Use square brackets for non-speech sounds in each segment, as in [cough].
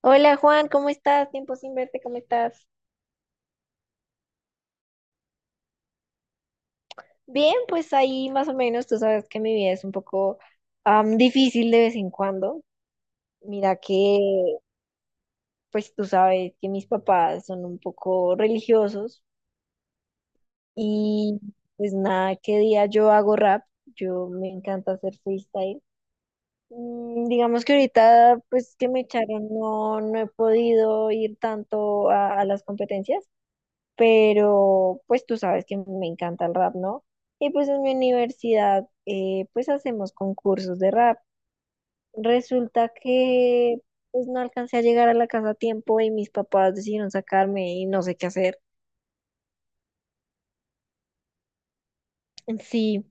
Hola Juan, ¿cómo estás? Tiempo sin verte, ¿cómo estás? Bien, pues ahí más o menos, tú sabes que mi vida es un poco difícil de vez en cuando. Mira que, pues tú sabes que mis papás son un poco religiosos y pues nada, qué día yo hago rap, yo me encanta hacer freestyle. Digamos que ahorita, pues que me echaron, no, no he podido ir tanto a las competencias, pero pues tú sabes que me encanta el rap, ¿no? Y pues en mi universidad pues hacemos concursos de rap. Resulta que pues no alcancé a llegar a la casa a tiempo y mis papás decidieron sacarme y no sé qué hacer. Sí,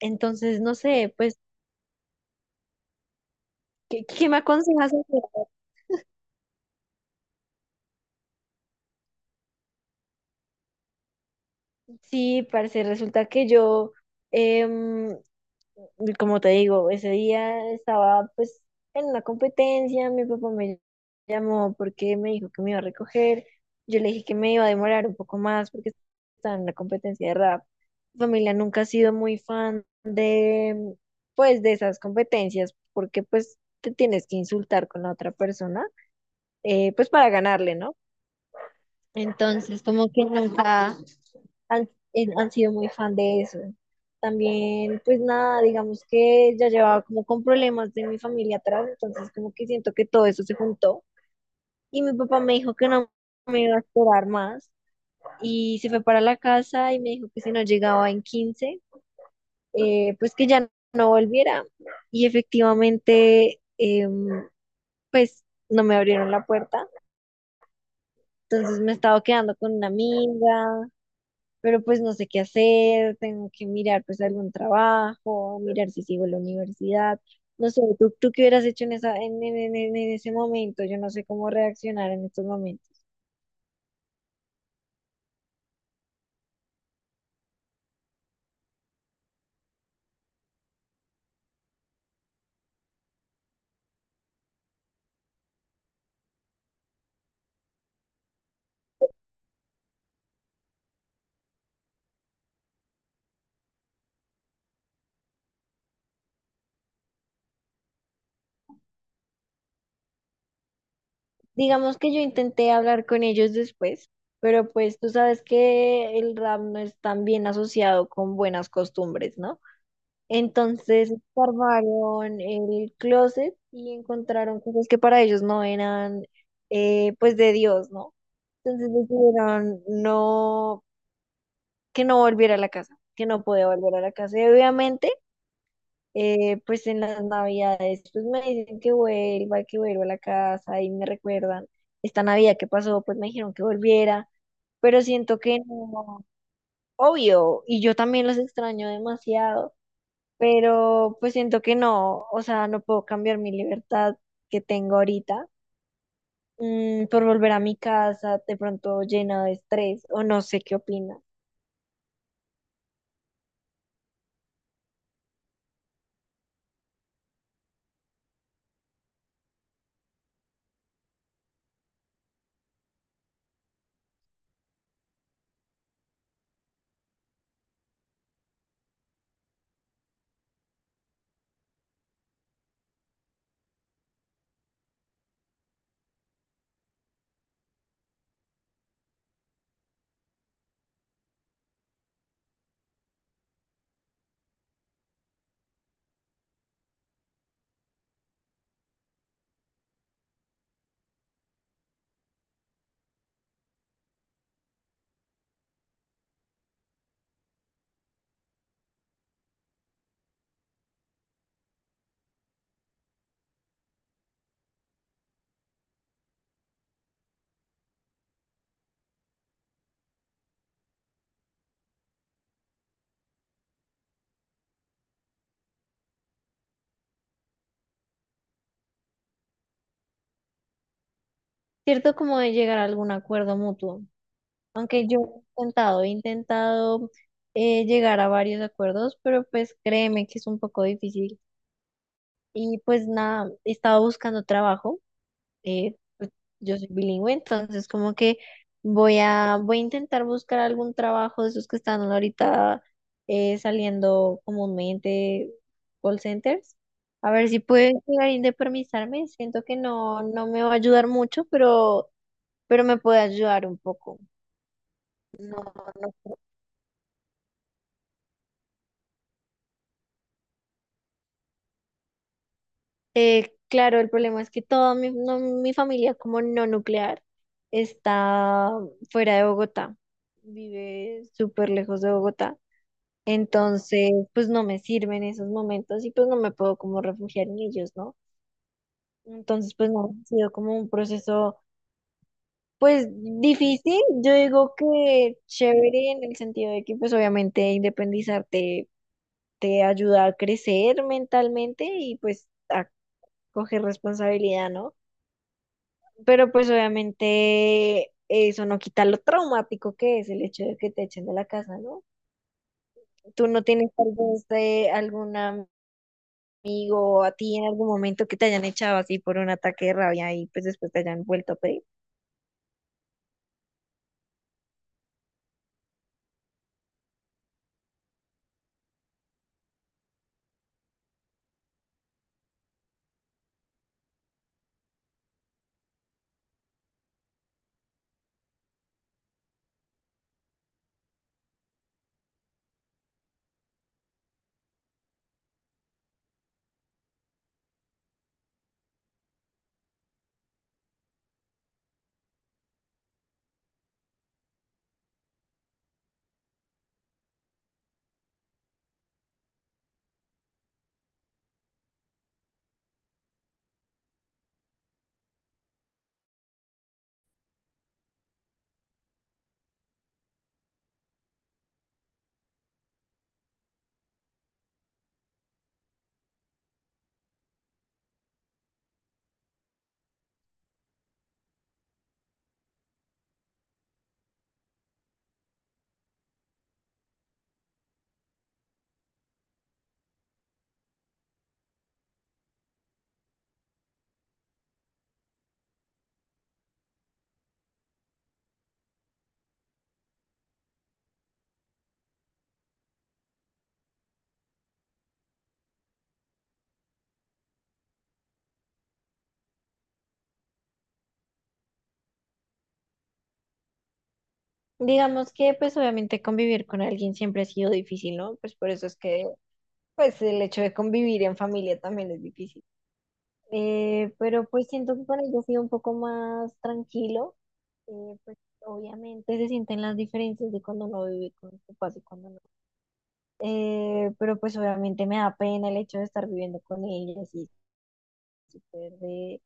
entonces no sé, pues, ¿qué me aconsejas hacer? Sí, parece, resulta que yo... em, Y como te digo, ese día estaba pues en una competencia, mi papá me llamó porque me dijo que me iba a recoger, yo le dije que me iba a demorar un poco más porque estaba en una competencia de rap. Mi familia nunca ha sido muy fan de pues de esas competencias porque pues te tienes que insultar con la otra persona pues para ganarle, ¿no? Entonces como que nunca han sido muy fan de eso. También, pues nada, digamos que ya llevaba como con problemas de mi familia atrás, entonces como que siento que todo eso se juntó. Y mi papá me dijo que no me iba a esperar más y se fue para la casa y me dijo que si no llegaba en 15 pues que ya no volviera. Y efectivamente, pues no me abrieron la puerta. Entonces me he estado quedando con una amiga, pero pues no sé qué hacer, tengo que mirar pues algún trabajo, mirar si sigo la universidad. No sé, ¿tú qué hubieras hecho en esa, en ese momento? Yo no sé cómo reaccionar en estos momentos. Digamos que yo intenté hablar con ellos después, pero pues tú sabes que el rap no es tan bien asociado con buenas costumbres, ¿no? Entonces armaron el closet y encontraron cosas que para ellos no eran pues de Dios, ¿no? Entonces decidieron no, que no volviera a la casa, que no podía volver a la casa. Y obviamente, pues en las navidades, pues me dicen que vuelva a la casa y me recuerdan esta Navidad que pasó, pues me dijeron que volviera, pero siento que no, obvio, y yo también los extraño demasiado, pero pues siento que no, o sea, no puedo cambiar mi libertad que tengo ahorita. Por volver a mi casa de pronto llena de estrés o no sé qué opina. Cierto como de llegar a algún acuerdo mutuo, aunque yo he intentado llegar a varios acuerdos, pero pues créeme que es un poco difícil. Y pues nada, he estado buscando trabajo, pues, yo soy bilingüe, entonces como que voy a intentar buscar algún trabajo de esos que están ahorita saliendo comúnmente, call centers. A ver si puedo llegar a independizarme, siento que no, no me va a ayudar mucho, pero me puede ayudar un poco. No, no. Claro, el problema es que toda mi, mi familia como no nuclear está fuera de Bogotá, vive súper lejos de Bogotá. Entonces, pues no me sirven esos momentos y pues no me puedo como refugiar en ellos, ¿no? Entonces, pues no, ha sido como un proceso, pues difícil. Yo digo que chévere en el sentido de que pues obviamente independizarte te ayuda a crecer mentalmente y pues a coger responsabilidad, ¿no? Pero pues obviamente eso no quita lo traumático que es el hecho de que te echen de la casa, ¿no? Tú no tienes tal vez algún amigo o a ti en algún momento que te hayan echado así por un ataque de rabia y pues después te hayan vuelto a pedir. Digamos que pues obviamente convivir con alguien siempre ha sido difícil, ¿no? Pues por eso es que pues el hecho de convivir en familia también es difícil. Pero pues siento que con ellos ha un poco más tranquilo. Pues obviamente se sienten las diferencias de cuando uno vive con sus papás y cuando no. Pero pues obviamente me da pena el hecho de estar viviendo con ellas y súper de,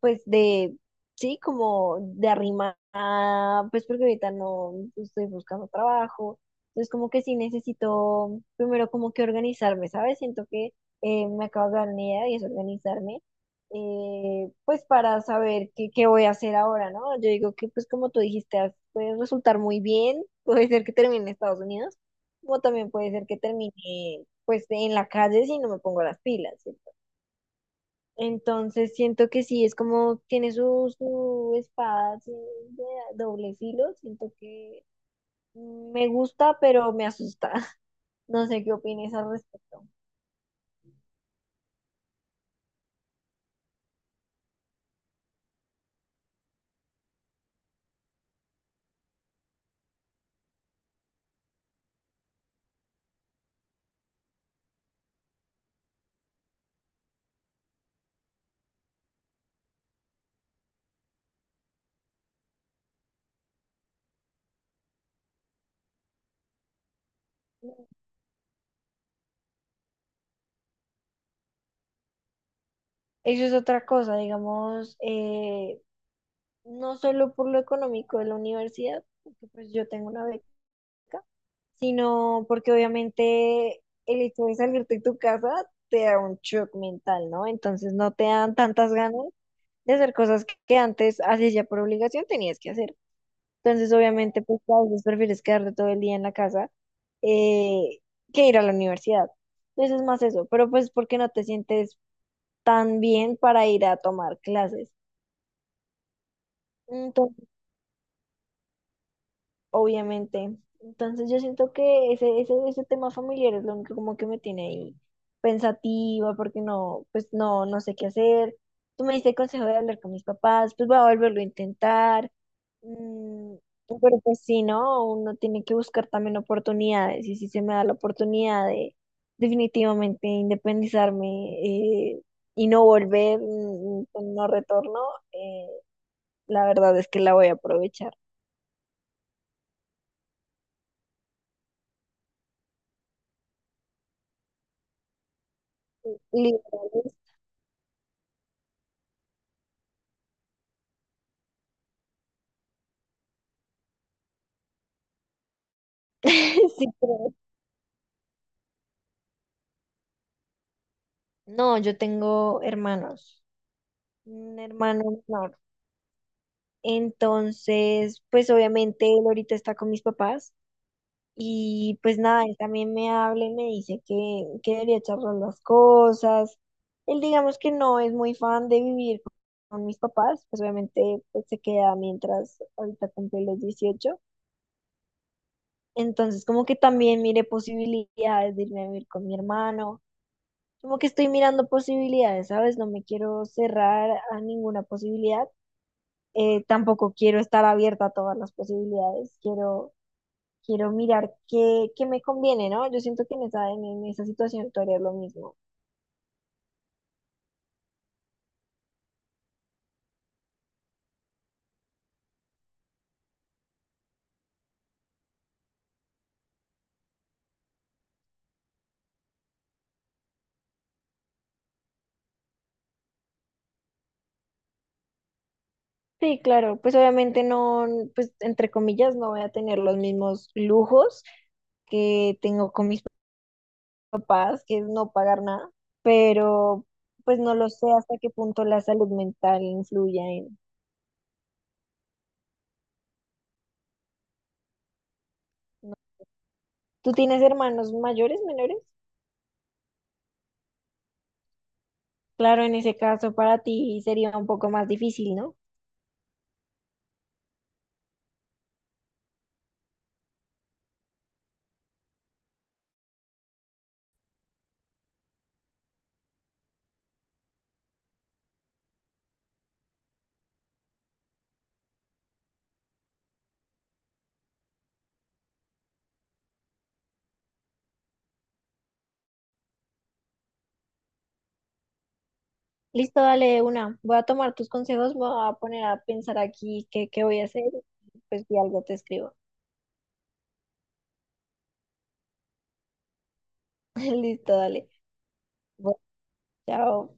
pues de, sí, como de arrimada, pues porque ahorita no estoy buscando trabajo, entonces como que sí necesito primero como que organizarme, ¿sabes? Siento que me acabo de dar una idea y es organizarme, pues para saber qué voy a hacer ahora, ¿no? Yo digo que pues como tú dijiste, puede resultar muy bien, [laughs] puede ser que termine en Estados Unidos, como también puede ser que termine pues en la calle si no me pongo las pilas. ¿Sí? Entonces siento que sí, es como tiene su, su espada así de doble filo, siento que me gusta, pero me asusta. [laughs] No sé qué opines al respecto. Eso es otra cosa, digamos, no solo por lo económico de la universidad, porque pues yo tengo una beca, sino porque obviamente el hecho de salirte de tu casa te da un shock mental, ¿no? Entonces no te dan tantas ganas de hacer cosas que antes hacías ya por obligación, tenías que hacer. Entonces, obviamente, pues a veces prefieres quedarte todo el día en la casa eh, que ir a la universidad. Entonces es más eso, pero pues porque no te sientes tan bien para ir a tomar clases. Entonces, obviamente. Entonces yo siento que ese tema familiar es lo único como que me tiene ahí pensativa, porque no, pues no, no sé qué hacer. Tú me diste el consejo de hablar con mis papás, pues voy a volverlo a intentar. Mm, pero pues sí, ¿no? Uno tiene que buscar también oportunidades, y si se me da la oportunidad de definitivamente independizarme eh, y no volver con no retorno, eh, la verdad es que la voy a aprovechar. Listo. [laughs] Sí, creo. No, yo tengo hermanos, un hermano menor. Entonces, pues obviamente él ahorita está con mis papás y pues nada, él también me habla y me dice que debería charlar las cosas. Él digamos que no es muy fan de vivir con mis papás, pues obviamente pues, se queda mientras ahorita cumple los 18. Entonces, como que también mire posibilidades de irme a vivir con mi hermano. Como que estoy mirando posibilidades, ¿sabes? No me quiero cerrar a ninguna posibilidad. Tampoco quiero estar abierta a todas las posibilidades. Quiero, quiero mirar qué, qué me conviene, ¿no? Yo siento que en esa situación tú harías lo mismo. Sí, claro, pues obviamente no, pues entre comillas, no voy a tener los mismos lujos que tengo con mis papás, que es no pagar nada, pero pues no lo sé hasta qué punto la salud mental influye en... ¿no? ¿Tú tienes hermanos mayores, menores? Claro, en ese caso para ti sería un poco más difícil, ¿no? Listo, dale de una. Voy a tomar tus consejos, me voy a poner a pensar aquí qué voy a hacer. Pues si algo te escribo. [laughs] Listo, dale. Bueno, chao.